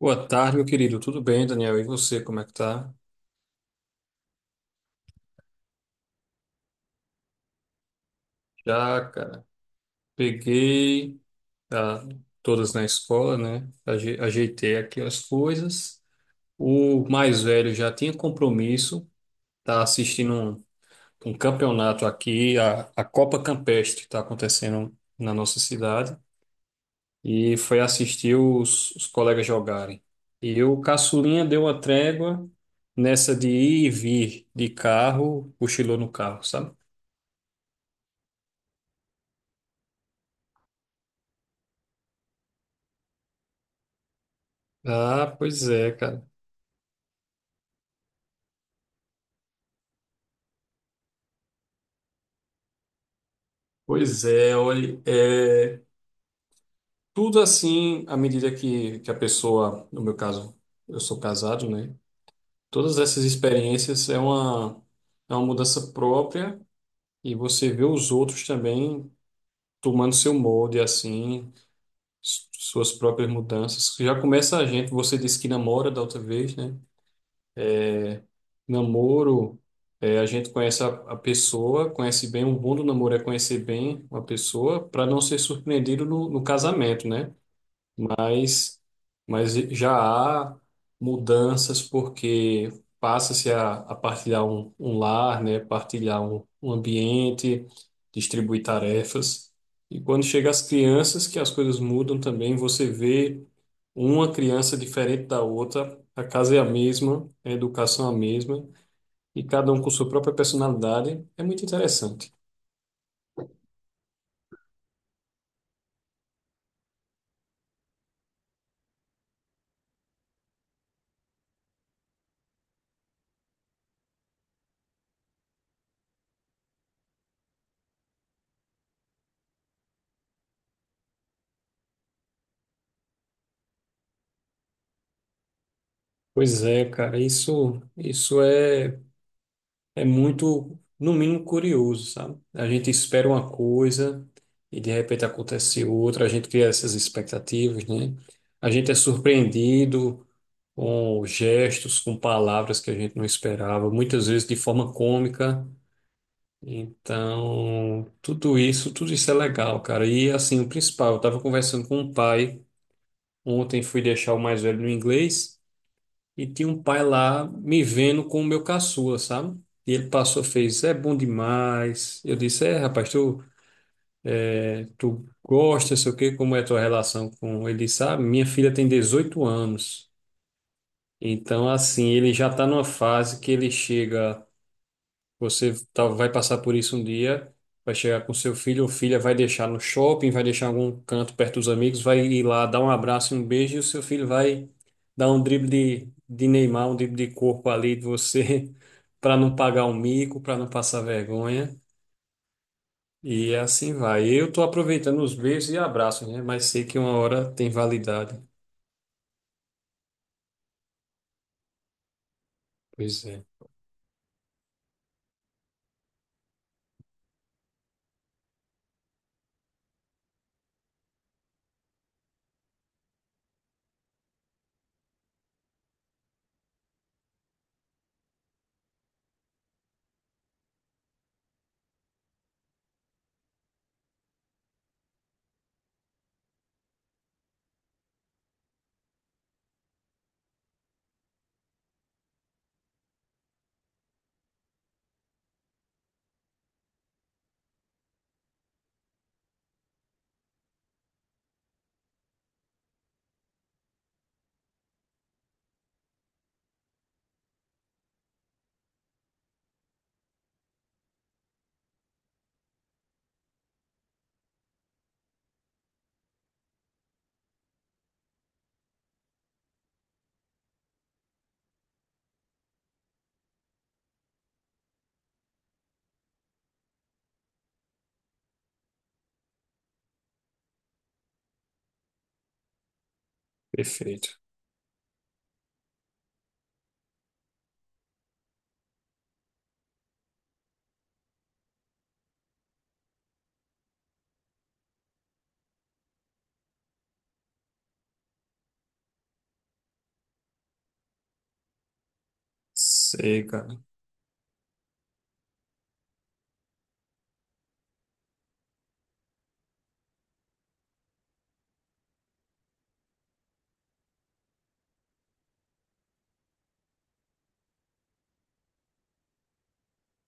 Boa tarde, meu querido. Tudo bem, Daniel? E você, como é que tá? Já, cara, peguei ah, todas na escola, né? Ajeitei aqui as coisas. O mais velho já tinha compromisso, tá assistindo um, um campeonato aqui, a Copa Campestre está acontecendo na nossa cidade, e foi assistir os colegas jogarem. E o caçulinha deu uma trégua nessa de ir e vir de carro, cochilou no carro, sabe? Ah, pois é, cara. Pois é, olha, é, tudo assim, à medida que a pessoa, no meu caso, eu sou casado, né? Todas essas experiências é uma mudança própria e você vê os outros também tomando seu molde, assim, suas próprias mudanças. Já começa a gente, você disse que namora da outra vez, né? Namoro, é, a pessoa, conhece bem, um bom do namoro é conhecer bem uma pessoa para não ser surpreendido no casamento, né? Mas, mas já há mudanças porque a partilhar um lar, né? Partilhar um ambiente, distribuir tarefas. E quando chega as crianças, que as coisas mudam também, você vê uma criança diferente da outra, a casa é a mesma, a educação é a mesma e cada um com sua própria personalidade, é muito interessante. Pois é, cara, isso é é, muito, no mínimo, curioso, sabe? A gente espera uma coisa e de repente acontece outra, a gente cria essas expectativas, né? A gente é surpreendido com gestos, com palavras que a gente não esperava, muitas vezes de forma cômica. Então, tudo isso é legal, cara. E assim, o principal, eu estava conversando com um pai. Ontem fui deixar o mais velho no inglês e tinha um pai lá me vendo com o meu caçula, sabe? E ele passou, fez, é bom demais. Eu disse, é, rapaz, tu, tu gosta, sei o quê, como é a tua relação com ele? Ele disse, ah, minha filha tem 18 anos. Então, assim, ele já tá numa fase que ele chega. Vai passar por isso um dia, vai chegar com seu filho ou filha, vai deixar no shopping, vai deixar em algum canto perto dos amigos, vai ir lá dar um abraço e um beijo, e o seu filho vai dar um drible de Neymar, um drible de corpo ali de você, para não pagar o mico, para não passar vergonha. E assim vai. Eu tô aproveitando os beijos e abraços, né? Mas sei que uma hora tem validade. Pois é, perfeito. Sei, cara.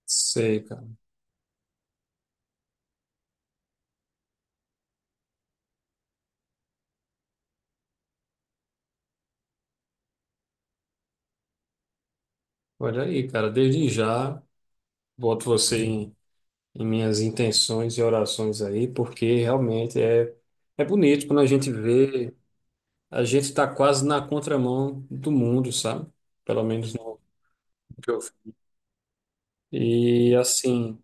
Sei, cara. Olha aí, cara, desde já, boto você em. Em minhas intenções e orações aí, porque realmente é, é bonito quando a gente vê, a gente está quase na contramão do mundo, sabe? Pelo menos no que eu. E assim,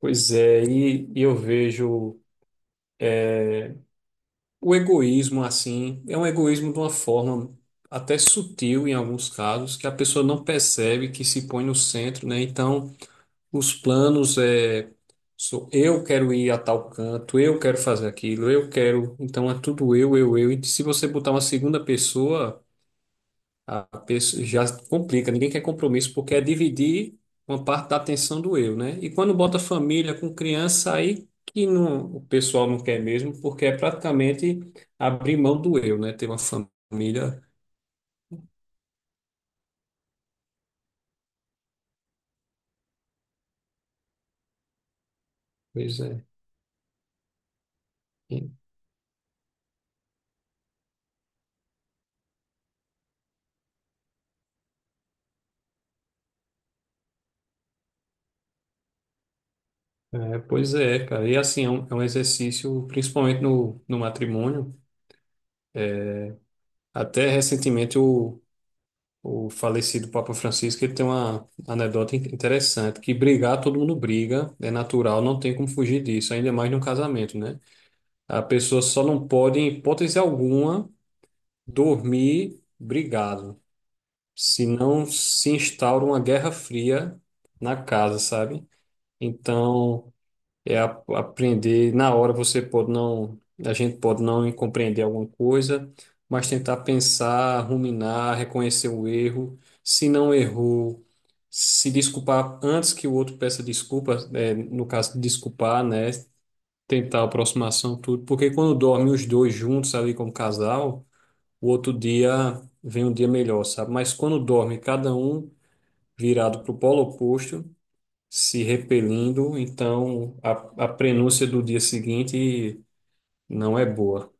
pois é, e eu vejo o egoísmo assim, é um egoísmo de uma forma até sutil em alguns casos, que a pessoa não percebe que se põe no centro, né? Então, os planos sou eu, quero ir a tal canto, eu quero fazer aquilo, eu quero. Então é tudo eu, eu. E se você botar uma segunda pessoa, a pessoa já complica. Ninguém quer compromisso porque é dividir uma parte da atenção do eu, né? E quando bota família com criança, aí que não, o pessoal não quer mesmo, porque é praticamente abrir mão do eu, né? Ter uma família. Pois é. É, pois é, cara. E assim, é um exercício, principalmente no matrimônio. Até recentemente o falecido Papa Francisco ele tem uma anedota interessante, que brigar todo mundo briga, é natural, não tem como fugir disso, ainda mais num casamento, né? A pessoa só não pode, em hipótese alguma, dormir brigado, senão se instaura uma guerra fria na casa, sabe? Então, aprender na hora, você pode não, a gente pode não compreender alguma coisa, mas tentar pensar, ruminar, reconhecer o erro, se não errou, se desculpar antes que o outro peça desculpa, é, no caso desculpar, né, tentar aproximação, tudo, porque quando dormem os dois juntos ali como casal, o outro dia vem um dia melhor, sabe, mas quando dorme cada um virado para o polo oposto, se repelindo, então a prenúncia do dia seguinte não é boa.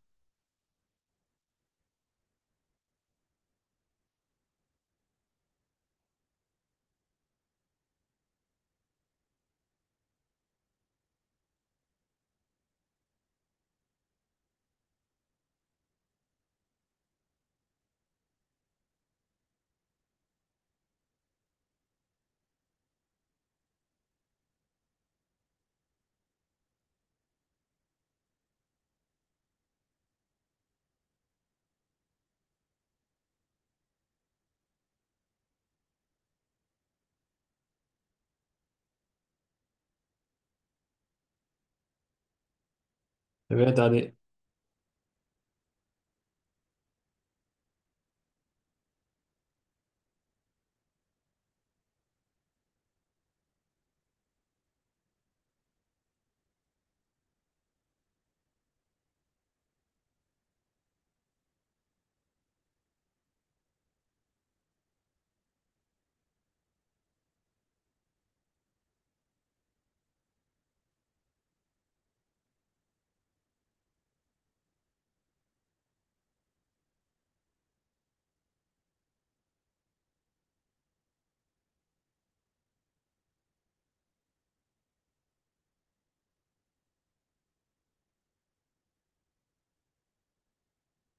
É verdade,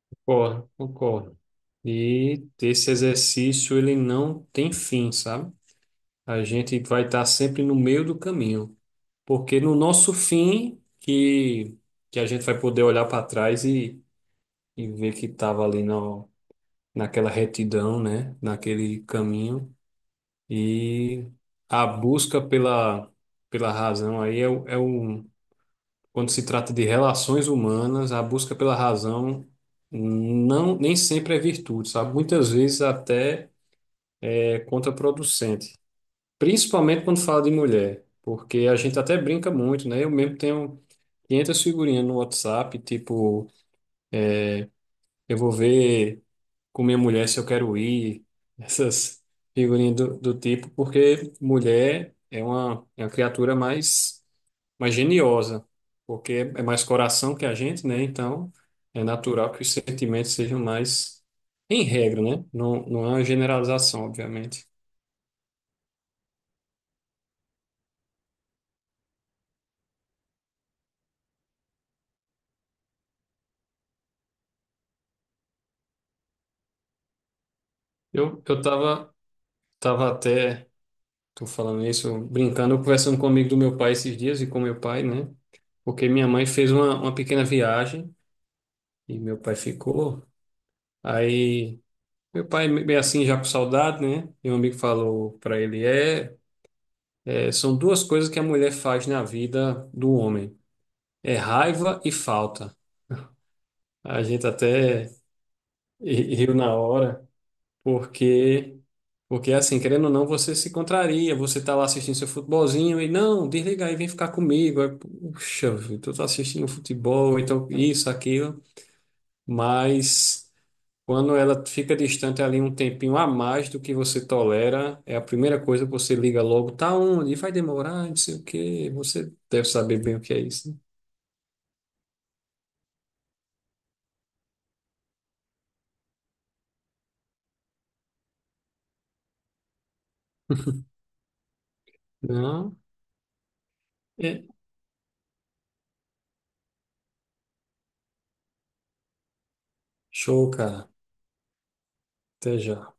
concordo, concordo. E esse exercício, ele não tem fim, sabe? A gente vai estar sempre no meio do caminho, porque no nosso fim que a gente vai poder olhar para trás e ver que estava ali naquela retidão, né? Naquele caminho. E a busca pela razão aí é, é o. Quando se trata de relações humanas, a busca pela razão não, nem sempre é virtude, sabe? Muitas vezes até é contraproducente, principalmente quando fala de mulher, porque a gente até brinca muito, né? Eu mesmo tenho 500 figurinhas no WhatsApp, tipo, eu vou ver com minha mulher se eu quero ir, essas figurinhas do tipo, porque mulher é uma criatura mais, mais geniosa, porque é mais coração que a gente, né? Então é natural que os sentimentos sejam mais em regra, né? Não, não é uma generalização, obviamente. Eu tava, tava até, tô falando isso, brincando, conversando com um amigo do meu pai esses dias e com meu pai, né? Porque minha mãe fez uma pequena viagem e meu pai ficou. Aí, meu pai é assim, já com saudade, né? E um amigo falou para ele, é, são duas coisas que a mulher faz na vida do homem. É raiva e falta. A gente até riu na hora, porque porque é assim, querendo ou não, você se contraria, você tá lá assistindo seu futebolzinho e não, desliga aí, vem ficar comigo. Aí, puxa, vida, eu tô assistindo futebol, então isso, aquilo, mas quando ela fica distante ali um tempinho a mais do que você tolera, é a primeira coisa que você liga logo, tá onde? Vai demorar, não sei o quê. Você deve saber bem o que é isso. Né? Não? É. Show, cara. Até já.